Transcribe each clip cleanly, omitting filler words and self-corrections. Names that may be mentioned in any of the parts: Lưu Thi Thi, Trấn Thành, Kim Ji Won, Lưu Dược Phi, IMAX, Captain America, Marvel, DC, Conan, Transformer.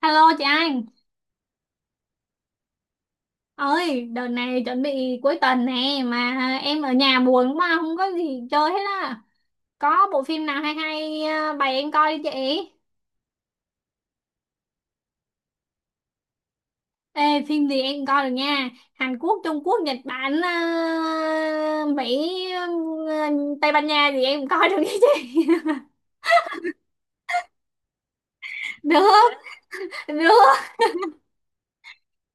Alo chị Anh ơi, đợt này chuẩn bị cuối tuần nè mà em ở nhà buồn quá, không có gì chơi hết á. Có bộ phim nào hay hay, bày em coi đi chị. Ê, phim gì em coi được nha, Hàn Quốc, Trung Quốc, Nhật Bản, Mỹ, Tây Ban Nha gì em coi được nha chị. Được, được.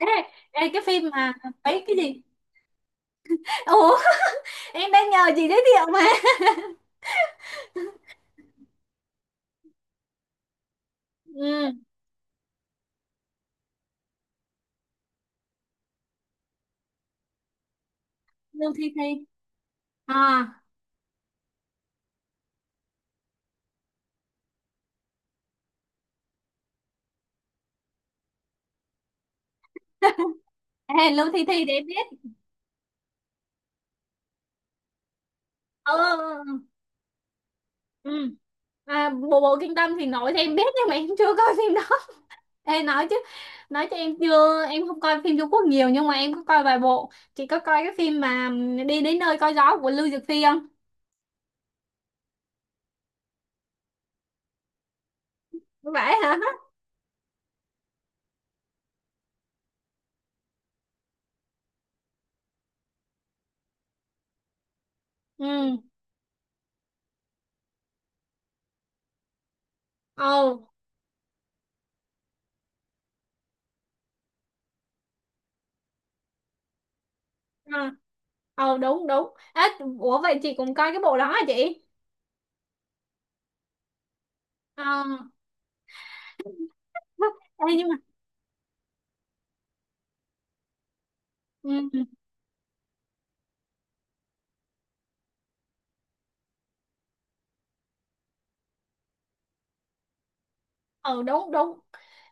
Ê, ê, cái phim mà mấy cái gì, ủa em đang nhờ chị giới thiệu mà. Ừ. Lưu Thi Thi. À, ê, Lưu Thi Thi để em biết. Ừ, ừ, ừ. À, bộ bộ kinh tâm thì nói thì em biết nhưng mà em chưa coi phim đó. Ê, nói chứ, nói cho em, chưa, em không coi phim Trung Quốc nhiều nhưng mà em có coi vài bộ. Chị có coi cái phim mà đi đến nơi coi gió của Lưu Dược Phi không? Vậy hả. Ừ. Ồ. À. Ồ, đúng đúng à, ủa vậy chị cũng coi cái bộ đó hả chị? Ờ. Ê, nhưng mà ừ, ừ, đúng đúng,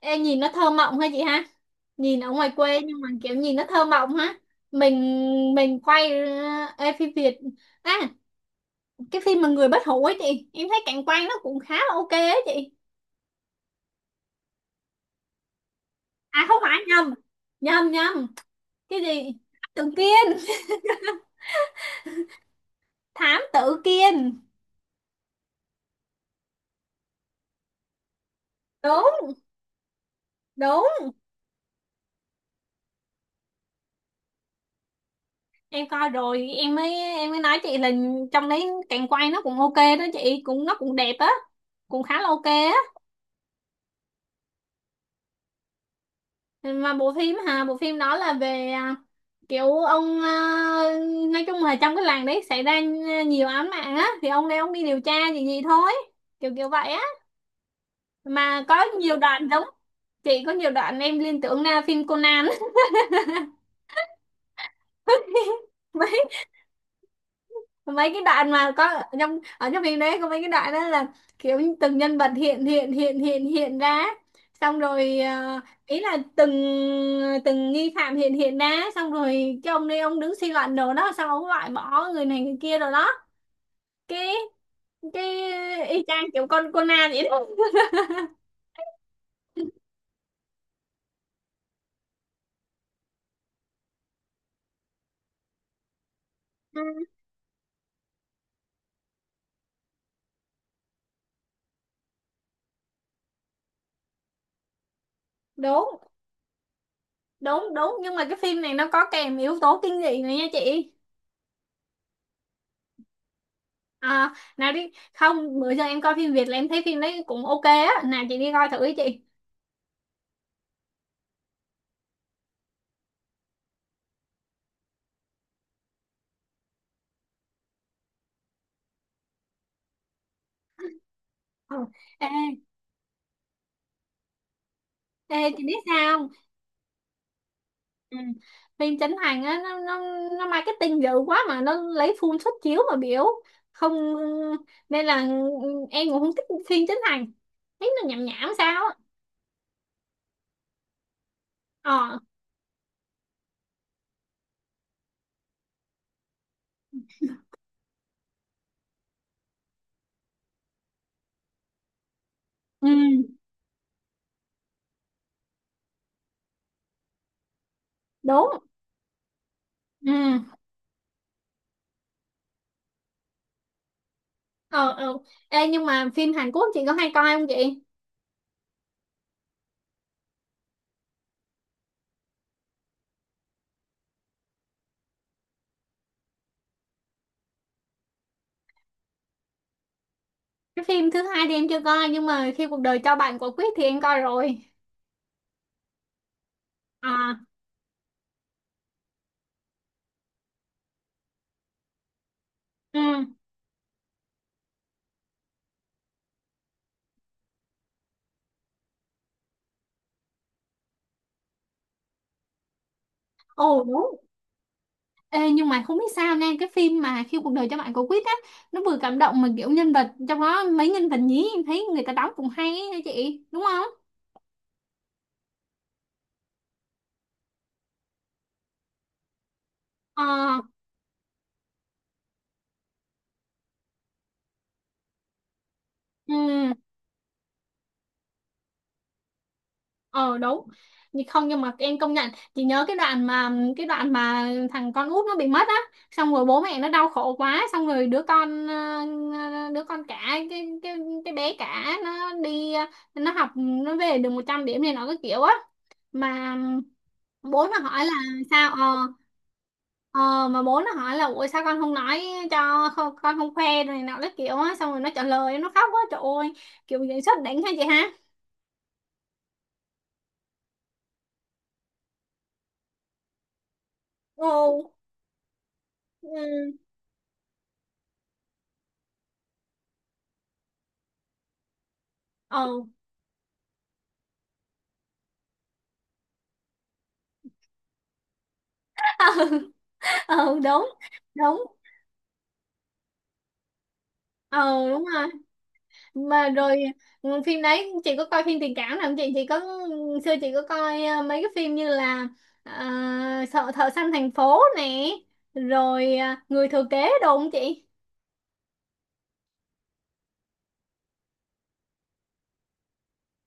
em nhìn nó thơ mộng ha chị ha, nhìn ở ngoài quê nhưng mà kiểu nhìn nó thơ mộng ha. Mình mình quay, ê, phim Việt, à, cái phim mà người bất hủ ấy chị, em thấy cảnh quan nó cũng khá là ok ấy chị. À không phải, nhầm nhầm nhầm. Cái gì, tự kiên, thám tử kiên. Đúng, đúng. Em coi rồi, em mới nói chị là trong đấy cảnh quay nó cũng ok đó chị, cũng nó cũng đẹp á, cũng khá là ok á. Mà bộ phim hà, bộ phim đó là về, à, kiểu ông, à, nói chung là trong cái làng đấy xảy ra, à, nhiều án mạng á thì ông đây ông đi điều tra gì gì thôi, kiểu kiểu vậy á. Mà có nhiều đoạn giống, chị, có nhiều đoạn em liên tưởng là phim Conan. mấy mấy cái đoạn mà có ở trong phim đấy, có mấy cái đoạn đó là kiểu như từng nhân vật hiện hiện hiện hiện hiện ra, xong rồi ý là từng, từng nghi phạm hiện hiện ra, xong rồi cái ông đây ông đứng suy luận đồ đó, xong ông loại bỏ người này người kia rồi đó. Cái cái y chang kiểu con Conan vậy đó. Ừ. Đúng đúng đúng, nhưng mà cái phim này nó có kèm yếu tố kinh dị này nha chị. À, nào đi không, bữa giờ em coi phim Việt là em thấy phim đấy cũng ok á, nào chị đi coi thử ý chị. Ừ. Ê, ê chị biết sao không? Ừ. Phim Trấn Thành á, nó marketing dữ quá mà nó lấy full suất chiếu mà biểu không, nên là em cũng không thích phim Trấn Thành, thấy nó nhảm nhảm sao á. Ờ, ừ, đúng, ừ, ờ, ừ. Ê, nhưng mà phim Hàn Quốc chị có hay coi không chị? Cái phim thứ hai thì em chưa coi nhưng mà khi cuộc đời cho bạn quả quýt thì em coi rồi. À. Ừ. Ồ, đúng. Ê, nhưng mà không biết sao nha, cái phim mà khi cuộc đời cho bạn quả quýt á, nó vừa cảm động mà kiểu nhân vật trong đó, mấy nhân vật nhí em thấy người ta đóng cũng hay ấy hả chị, đúng không? Ờ. Ừ. Ờ, đúng. Nhưng không, nhưng mà em công nhận, chị nhớ cái đoạn mà, cái đoạn mà thằng con út nó bị mất á, xong rồi bố mẹ nó đau khổ quá, xong rồi đứa con, đứa con cả, cái cái bé cả nó đi, nó học nó về được 100 điểm này, nó cái kiểu á, mà bố nó hỏi là sao, ờ. Ờ, mà bố nó hỏi là ủa sao con không nói cho, không, con không khoe rồi này nọ cái kiểu á, xong rồi nó trả lời nó khóc quá trời ơi, kiểu diễn xuất đỉnh ha chị ha. Ồ. Ừ. Ờ. Ừ, đúng đúng, ờ, đúng rồi, mà rồi ừ, phim đấy, chị có coi phim tình cảm nào không chị? Chị có, xưa chị có coi, mấy cái phim như là, ờ, sợ thợ săn thành phố nè, rồi người thừa kế đồ không chị?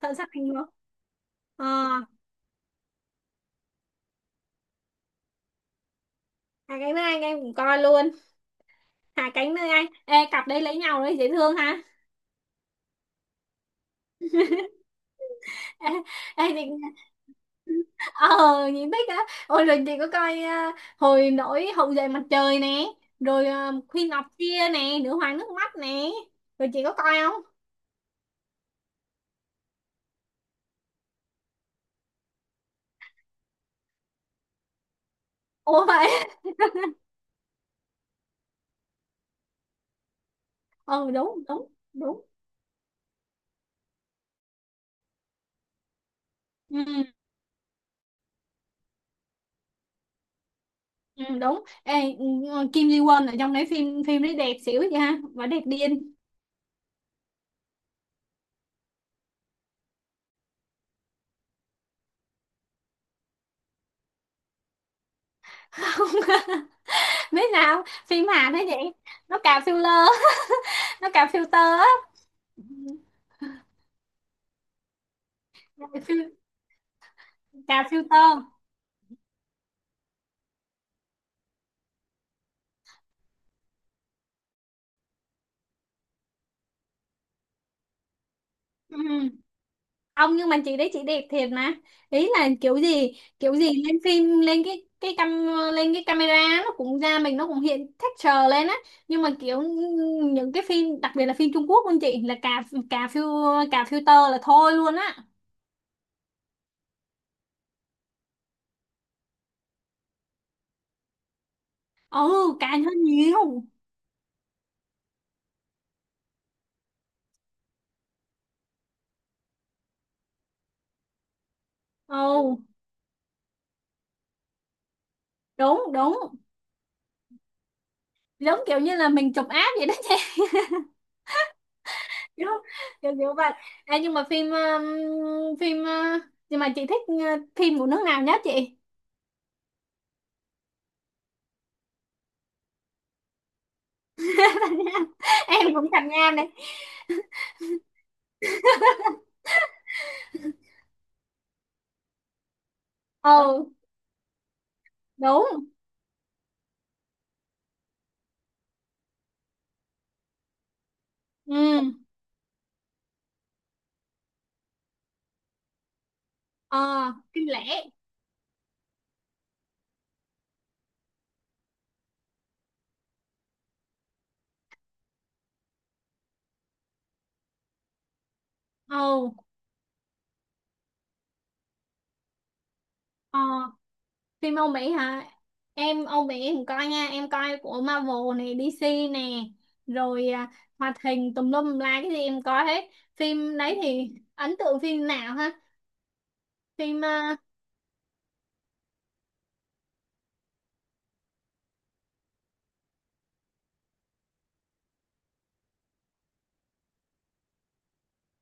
Thợ săn thành phố. Ờ, hai cánh nơi anh em cũng coi luôn. Hai cánh nơi anh, ê cặp đây lấy nhau đấy dễ thương ha. Ê, ê, chị, ờ nhìn thích á. Ôi, rồi chị có coi à, hồi nổi hậu duệ mặt trời nè, rồi à, Khuy Ngọc Kia nè, nữ hoàng nước mắt nè, rồi chị có coi không? Ủa vậy. Ừ, đúng đúng đúng, ừ, ừ, đúng. Ê, ừ, Kim Ji Won ở trong đấy, phim phim đấy đẹp xỉu vậy ha, mà đẹp điên. Không, biết nào phim Hàn đấy vậy nó cà filler, nó cà filter á. Ừ, cà fil-, cà filter. Ừ. Ông, nhưng mà chị đấy chị đẹp thiệt mà, ý là kiểu gì, kiểu gì lên phim, lên cái cam, lên cái camera nó cũng ra, mình nó cũng hiện texture lên á. Nhưng mà kiểu những cái phim, đặc biệt là phim Trung Quốc luôn chị, là cà, cà phiêu, cà filter là thôi luôn á. Ừ, cài hơn nhiều, ừ, đúng đúng, giống kiểu như là mình chụp app vậy đó chị. Kiểu, kiểu vậy. Ê, nhưng mà phim phim nhưng mà chị thích phim của nước nào nhất chị? Em cũng thành Nam này. Ừ, đúng. Ừ. Ờ, kinh lẻ. Ừ. Ờ. Phim Âu Mỹ hả, em Âu Mỹ em coi nha, em coi của Marvel này, DC nè, rồi à, hoạt hình tùm lum tùm la cái gì em coi hết. Phim đấy thì ấn tượng phim nào ha, phim à,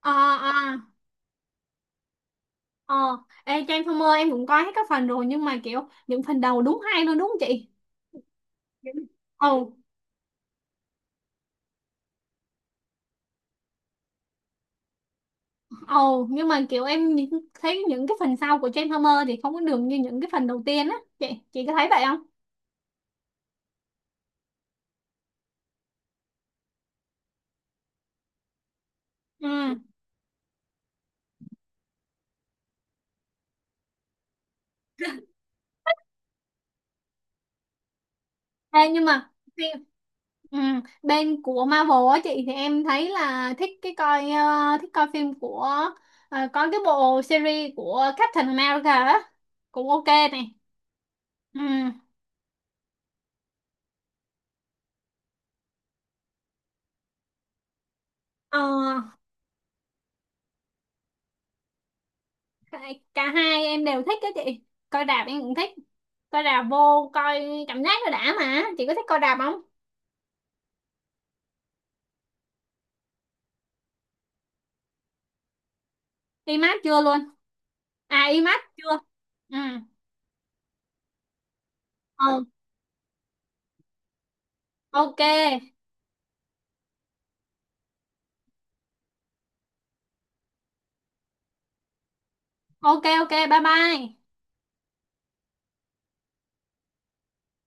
ờ, ờ, ờ. Ê, Transformer em cũng coi hết các phần rồi, nhưng mà kiểu những phần đầu đúng hay luôn đúng không chị? Ừ. Ồ, nhưng mà kiểu em nhìn- thấy những cái phần sau của Transformer thì không có đường như những cái phần đầu tiên á. Chị có thấy vậy không? Ừ. Ê, nhưng mà phim ừ, bên của Marvel á chị, thì em thấy là thích cái coi, thích coi phim của, có cái bộ series của Captain America á cũng ok này. Ừ. Ờ, cả hai em đều thích á chị. Coi rạp em cũng thích. Coi rạp vô coi cảm giác nó đã mà. Chị có thích coi rạp không? IMAX chưa luôn? À IMAX chưa. Ừ, ừ. Ok, ok, ok, bye bye.